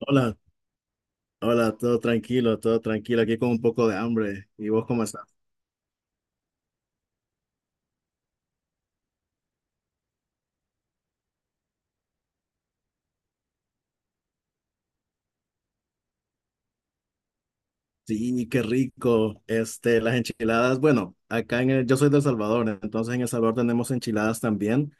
Hola, hola, todo tranquilo, aquí con un poco de hambre. ¿Y vos cómo estás? Sí, qué rico. Este, las enchiladas, bueno, acá en yo soy de El Salvador, entonces en El Salvador tenemos enchiladas también,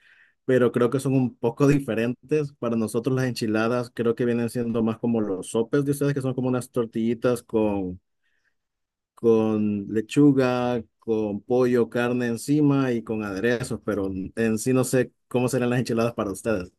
pero creo que son un poco diferentes. Para nosotros las enchiladas creo que vienen siendo más como los sopes de ustedes, que son como unas tortillitas con lechuga, con pollo, carne encima y con aderezos, pero en sí no sé cómo serán las enchiladas para ustedes.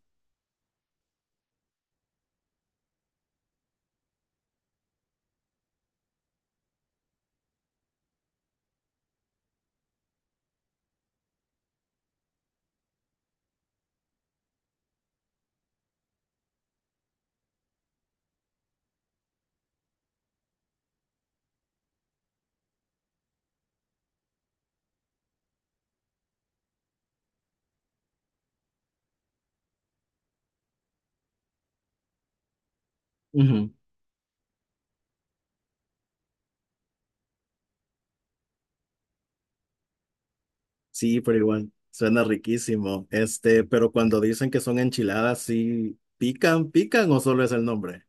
Sí, pero igual, suena riquísimo. Este, pero cuando dicen que son enchiladas, ¿sí pican, pican o solo es el nombre?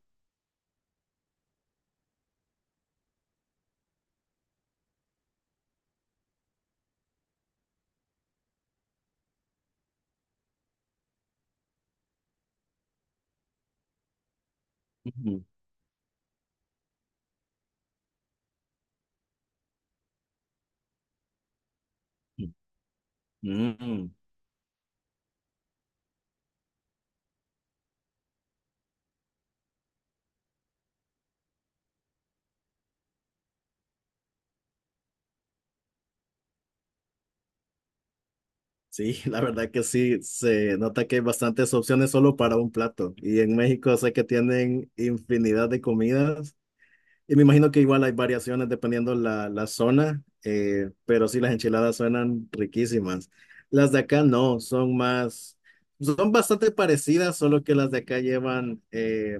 Ujú. Mm. Sí, la verdad que sí, se nota que hay bastantes opciones solo para un plato. Y en México sé que tienen infinidad de comidas. Y me imagino que igual hay variaciones dependiendo la zona, pero sí las enchiladas suenan riquísimas. Las de acá no, son más, son bastante parecidas, solo que las de acá llevan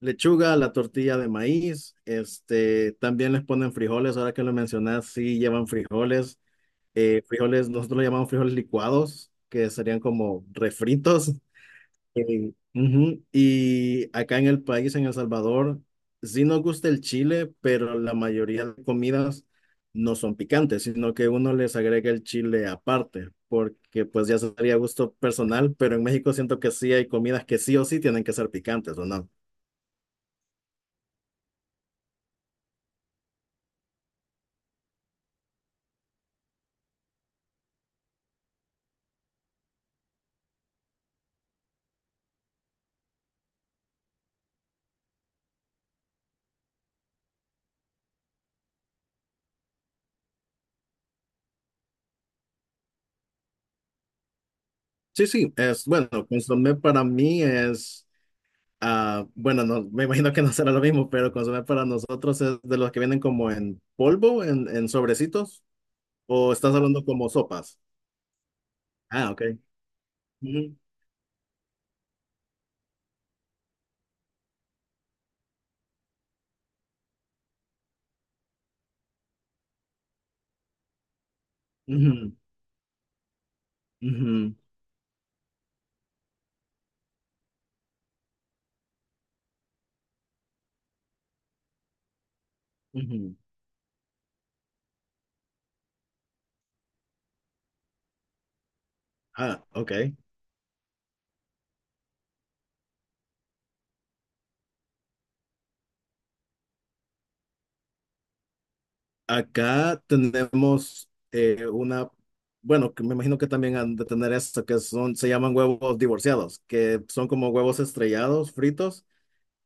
lechuga, la tortilla de maíz, este, también les ponen frijoles, ahora que lo mencionas, sí llevan frijoles, frijoles, nosotros lo llamamos frijoles licuados, que serían como refritos. Eh, ujú. Y acá en el país, en El Salvador, sí nos gusta el chile, pero la mayoría de comidas no son picantes, sino que uno les agrega el chile aparte, porque pues ya sería gusto personal, pero en México siento que sí hay comidas que sí o sí tienen que ser picantes, ¿o no? Sí, sí, es bueno, consomé para mí es, ah, bueno, no, me imagino que no será lo mismo, pero consomé para nosotros es de los que vienen como en polvo, en sobrecitos, o estás hablando como sopas. Ah, ok. Ujú, ujú, ujú, ujú. Ah, ok. Acá tenemos una, bueno, que me imagino que también han de tener esto, que son, se llaman huevos divorciados, que son como huevos estrellados, fritos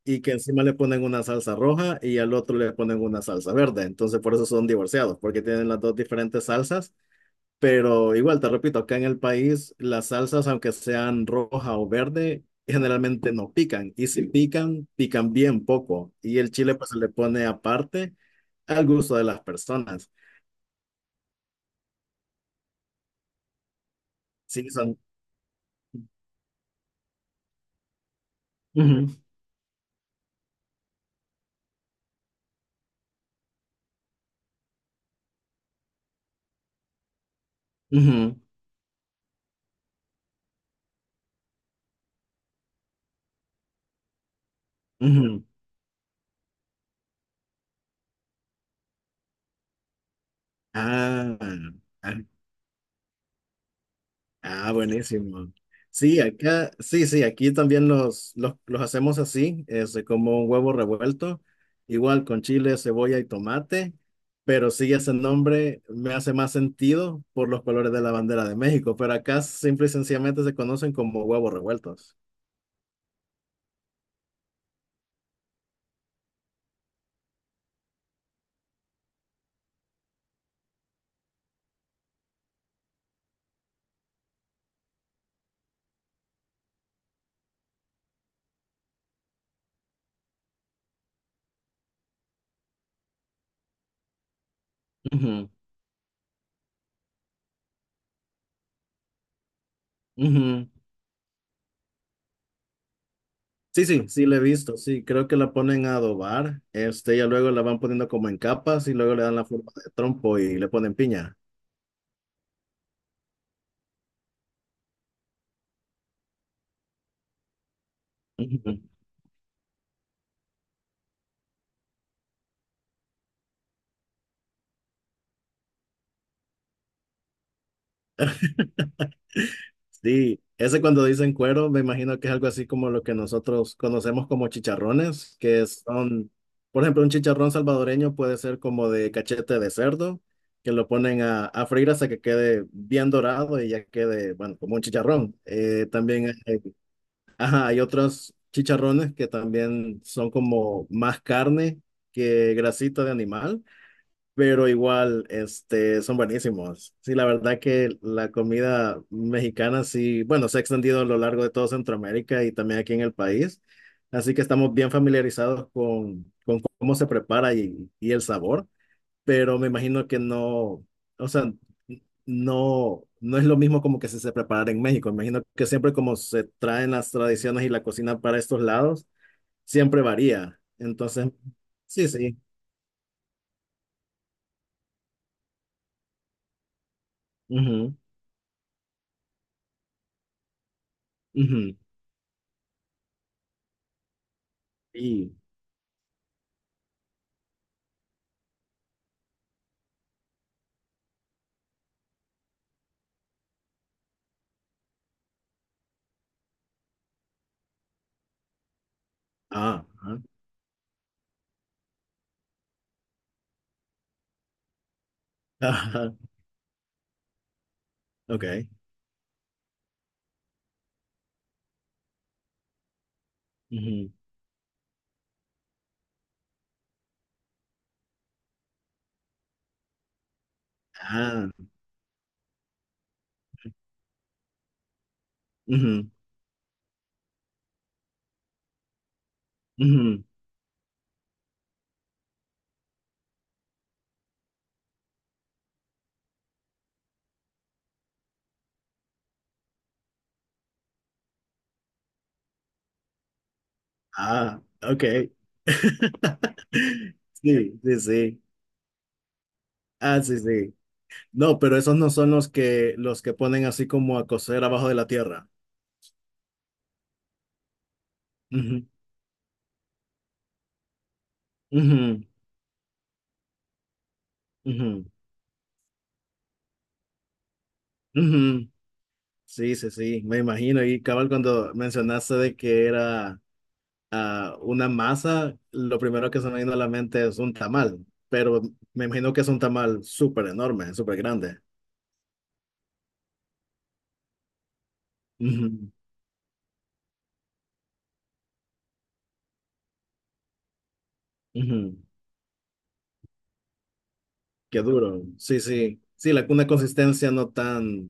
y que encima le ponen una salsa roja y al otro le ponen una salsa verde. Entonces por eso son divorciados, porque tienen las dos diferentes salsas. Pero igual, te repito, acá en el país las salsas, aunque sean roja o verde, generalmente no pican. Y si pican, pican bien poco. Y el chile pues se le pone aparte al gusto de las personas. Sí, son... Ujú, ujú, ujú. Ah, ah. Ah, buenísimo. Sí, acá, sí, sí, aquí también los hacemos así, es como un huevo revuelto, igual con chile, cebolla y tomate, pero sí ese nombre me hace más sentido por los colores de la bandera de México, pero acá simple y sencillamente se conocen como huevos revueltos. Ujú, ujú. Sí, sí, sí, le he visto, sí, creo que la ponen a adobar, este, ya luego la van poniendo como en capas y luego le dan la forma de trompo y le ponen piña. Ujú. Sí, ese cuando dicen cuero, me imagino que es algo así como lo que nosotros conocemos como chicharrones, que son, por ejemplo, un chicharrón salvadoreño puede ser como de cachete de cerdo, que lo ponen a freír hasta que quede bien dorado y ya quede, bueno, como un chicharrón. También hay, ajá, hay otros chicharrones que también son como más carne que grasita de animal, pero igual, este, son buenísimos. Sí, la verdad que la comida mexicana sí, bueno, se ha extendido a lo largo de todo Centroamérica y también aquí en el país. Así que estamos bien familiarizados con cómo se prepara y el sabor, pero me imagino que no, o sea, no, no es lo mismo como que se preparara en México. Me imagino que siempre como se traen las tradiciones y la cocina para estos lados, siempre varía. Entonces, sí, sí. Ujú, ujú. Y ah, ah, ah, ok. Ujú. Ah, ujú, ujú. Ah, ok. Sí, sí, sí. Ah, sí, sí. No, pero esos no son los que ponen así como a coser abajo de la tierra. Ujú, ujú, ujú, ujú. Sí, sí, sí, me imagino. Y cabal, cuando mencionaste de que era ah, una masa, lo primero que se me vino a la mente es un tamal, pero me imagino que es un tamal súper enorme, súper grande. Ujú, ujú. Qué duro. Sí, sí. Sí, una consistencia no tan,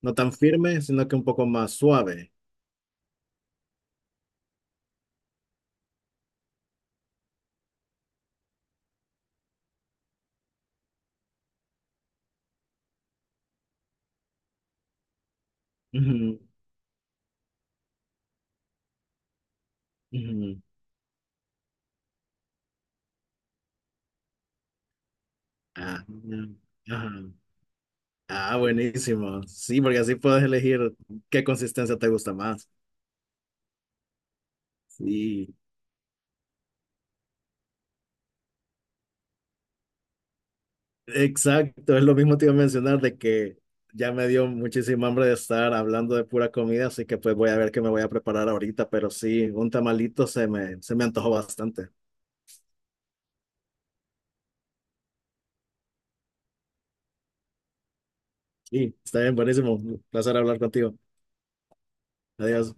no tan firme, sino que un poco más suave. Ujú, ujú. Ah, ajá. Ah, buenísimo. Sí, porque así puedes elegir qué consistencia te gusta más. Sí, exacto. Es lo mismo te iba a mencionar de que ya me dio muchísima hambre de estar hablando de pura comida, así que pues voy a ver qué me voy a preparar ahorita, pero sí, un tamalito se me antojó bastante. Sí, está bien, buenísimo. Un placer hablar contigo. Adiós.